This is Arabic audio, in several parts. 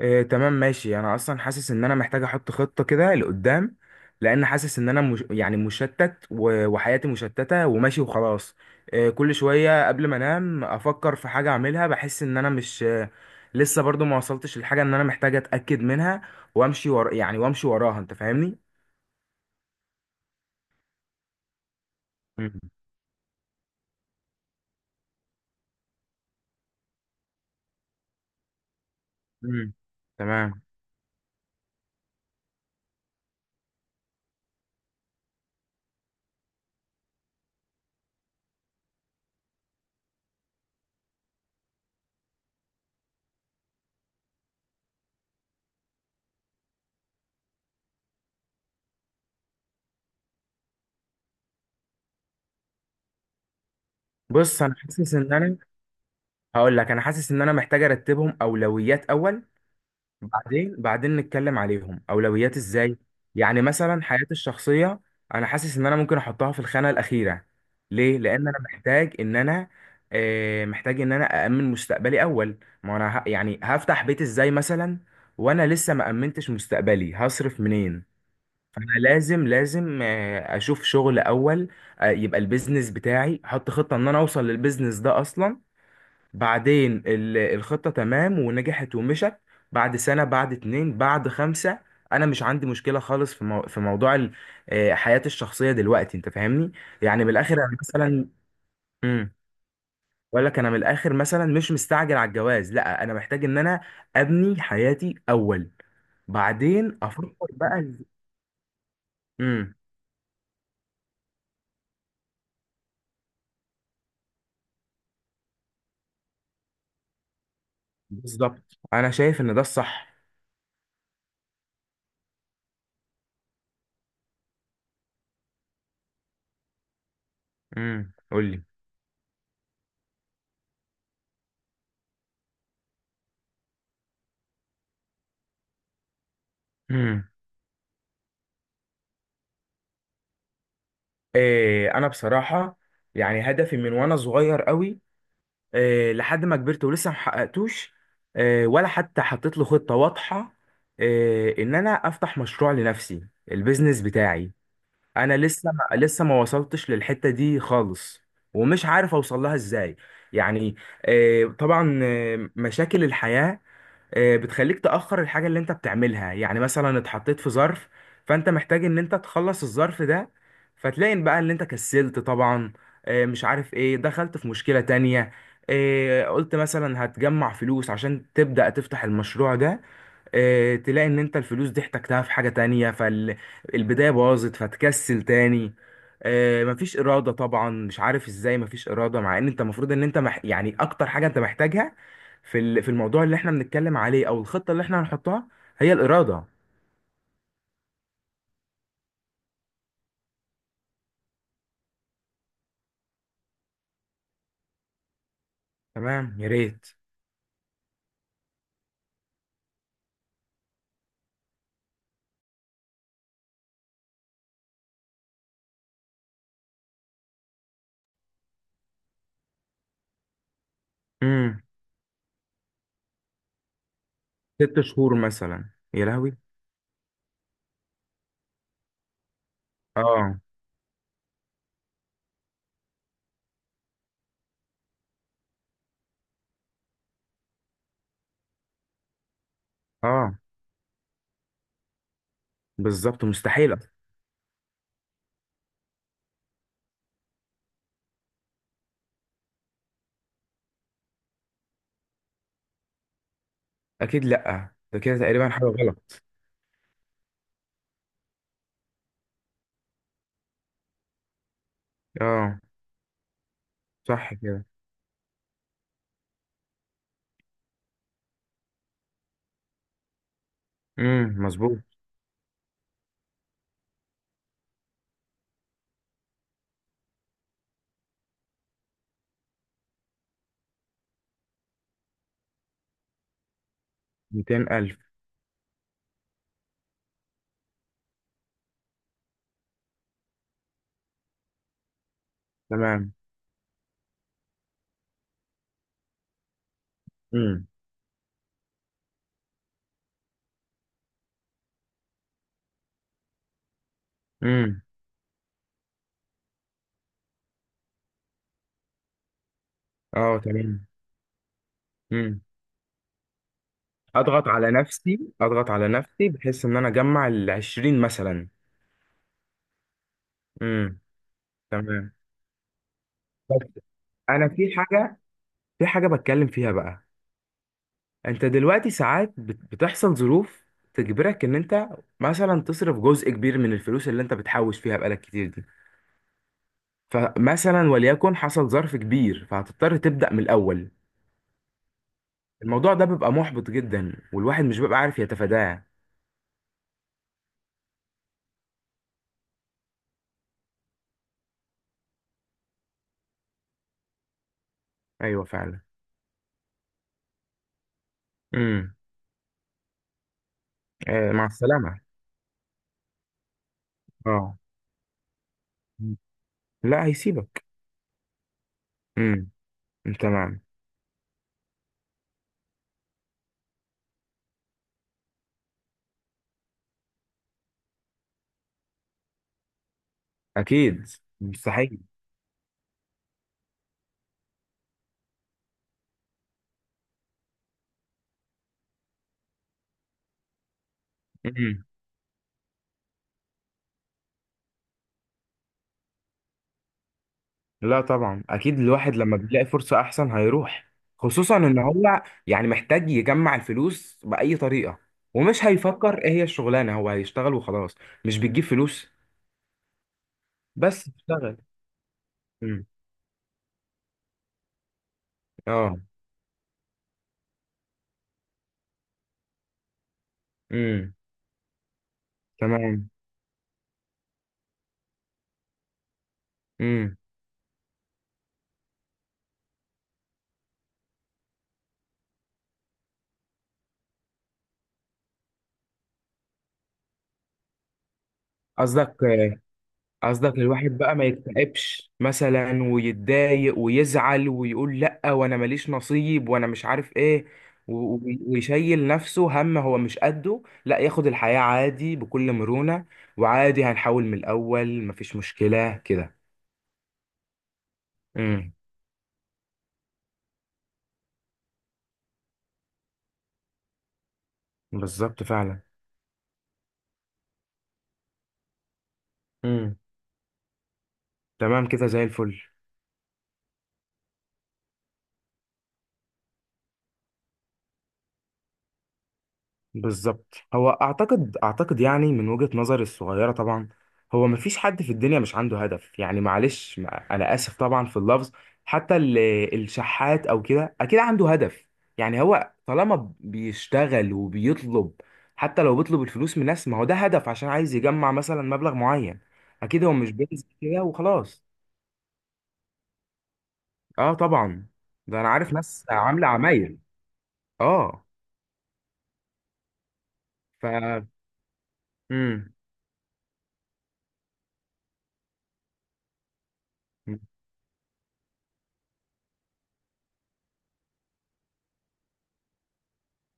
إيه، تمام، ماشي. انا اصلا حاسس ان انا محتاج احط خطة كده لقدام، لان حاسس ان انا مش، يعني، مشتت وحياتي مشتتة وماشي وخلاص. إيه، كل شوية قبل ما انام افكر في حاجة اعملها، بحس ان انا مش لسه برضو ما وصلتش للحاجة ان انا محتاج اتأكد منها وامشي ورا، يعني وامشي وراها، انت فاهمني؟ مم. مم. تمام. بص، انا حاسس ان انا، هقول لك، انا حاسس ان انا محتاج ارتبهم اولويات اول، بعدين نتكلم عليهم اولويات ازاي. يعني مثلا حياتي الشخصيه، انا حاسس ان انا ممكن احطها في الخانه الاخيره. ليه؟ لان انا محتاج ان انا، محتاج ان انا امن مستقبلي اول. ما انا يعني هفتح بيت ازاي مثلا وانا لسه ما امنتش مستقبلي؟ هصرف منين؟ فانا لازم، اشوف شغل اول. يبقى البيزنس بتاعي، احط خطه ان انا اوصل للبيزنس ده اصلا. بعدين الخطة تمام ونجحت ومشت، بعد سنة بعد اتنين بعد خمسة. أنا مش عندي مشكلة خالص في في موضوع حياتي الشخصية دلوقتي. أنت فاهمني؟ يعني من الآخر، أنا مثلا. امم. بقول لك، أنا من الآخر مثلا مش مستعجل على الجواز. لا، أنا محتاج إن أنا أبني حياتي أول، بعدين أفكر بقى. امم. بالظبط، أنا شايف إن ده الصح. امم، قول لي. امم. إيه، أنا بصراحة يعني هدفي من وأنا صغير قوي، لحد ما كبرت ولسه ما حققتوش، ولا حتى حطيت له خطة واضحة، ان انا افتح مشروع لنفسي، البيزنس بتاعي. انا لسه ما وصلتش للحتة دي خالص، ومش عارف اوصل لها ازاي. يعني، طبعا، مشاكل الحياة، بتخليك تأخر الحاجة اللي انت بتعملها. يعني مثلا اتحطيت في ظرف، فانت محتاج ان انت تخلص الظرف ده، فتلاقي إن بقى ان انت كسلت طبعا، مش عارف ايه، دخلت في مشكلة تانية، قلت مثلا هتجمع فلوس عشان تبدأ تفتح المشروع ده، تلاقي ان انت الفلوس دي احتجتها في حاجة تانية، فالبداية باظت، فتكسل تاني. مفيش إرادة طبعا، مش عارف ازاي مفيش إرادة مع ان انت المفروض ان انت يعني اكتر حاجة انت محتاجها في في الموضوع اللي احنا بنتكلم عليه، او الخطة اللي احنا هنحطها، هي الإرادة. تمام، يا ريت. امم. ست شهور مثلا، يا لهوي. اه، اه، بالظبط مستحيل أصلاً. اكيد، لا، ده كده تقريبا حاجة غلط. اه، صح كده. امم، مظبوط. 200 ألف. تمام. امم. امم. اه. تمام. امم. اضغط على نفسي، اضغط على نفسي بحيث ان انا اجمع ال 20 مثلا. امم. تمام. بس انا في حاجه بتكلم فيها بقى. انت دلوقتي ساعات بتحصل ظروف تجبرك ان انت مثلا تصرف جزء كبير من الفلوس اللي انت بتحوش فيها بقالك كتير دي. فمثلا، وليكن حصل ظرف كبير، فهتضطر تبدا من الاول. الموضوع ده بيبقى محبط جدا، والواحد مش بيبقى عارف يتفاداه. ايوه، فعلا. امم. آه، مع السلامه. اه، لا هيسيبك. امم. تمام. اكيد. مستحيل. امم. لا طبعا، اكيد الواحد لما بيلاقي فرصة احسن هيروح، خصوصا ان هو يعني محتاج يجمع الفلوس بأي طريقة، ومش هيفكر ايه هي الشغلانة، هو هيشتغل وخلاص. مش بتجيب فلوس. بس اشتغل. امم. اه. امم. تمام. امم. قصدك؟ قصدك الواحد بقى ما يكتئبش مثلا، ويتضايق ويزعل، ويقول لأ، وانا ماليش نصيب، وانا مش عارف ايه، و- و- ويشيل نفسه هم هو مش قده. لا، ياخد الحياة عادي بكل مرونة، وعادي هنحاول من الأول، مفيش مشكلة كده. امم. بالظبط، فعلا. امم. تمام كده، زي الفل. بالظبط. هو اعتقد يعني من وجهة نظري الصغيرة طبعا، هو مفيش حد في الدنيا مش عنده هدف. يعني معلش، انا اسف طبعا في اللفظ، حتى الشحات او كده اكيد عنده هدف. يعني هو طالما بيشتغل وبيطلب، حتى لو بيطلب الفلوس من ناس، ما هو ده هدف، عشان عايز يجمع مثلا مبلغ معين. اكيد هو مش بينزل كده وخلاص. اه، طبعا. ده انا عارف ناس عاملة عمايل. اه. ف. امم.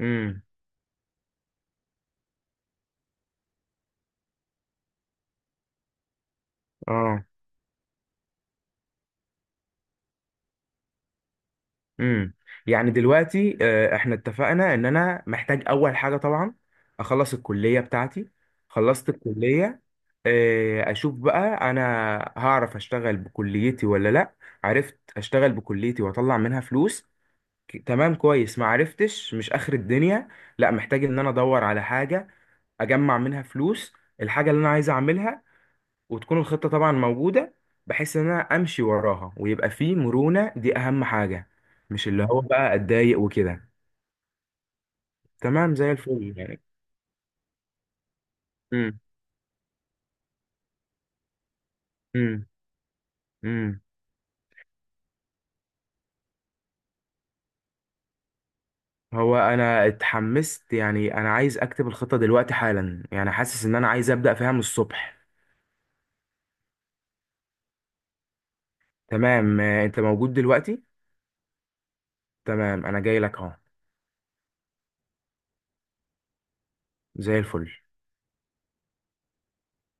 امم. اه. امم. يعني دلوقتي، احنا اتفقنا ان انا محتاج اول حاجه طبعا اخلص الكليه بتاعتي. خلصت الكليه، اشوف بقى انا هعرف اشتغل بكليتي ولا لا. عرفت اشتغل بكليتي واطلع منها فلوس، تمام، كويس. ما عرفتش، مش اخر الدنيا، لا، محتاج ان انا ادور على حاجه اجمع منها فلوس، الحاجه اللي انا عايز اعملها، وتكون الخطة طبعا موجودة بحيث ان انا امشي وراها، ويبقى في مرونة، دي اهم حاجة. مش اللي هو بقى اتضايق وكده. تمام، زي الفل يعني. امم. امم. امم. هو انا اتحمست، يعني انا عايز اكتب الخطة دلوقتي حالا، يعني حاسس ان انا عايز ابدأ فيها من الصبح. تمام، انت موجود دلوقتي؟ تمام، انا جاي لك اهو. زي الفل.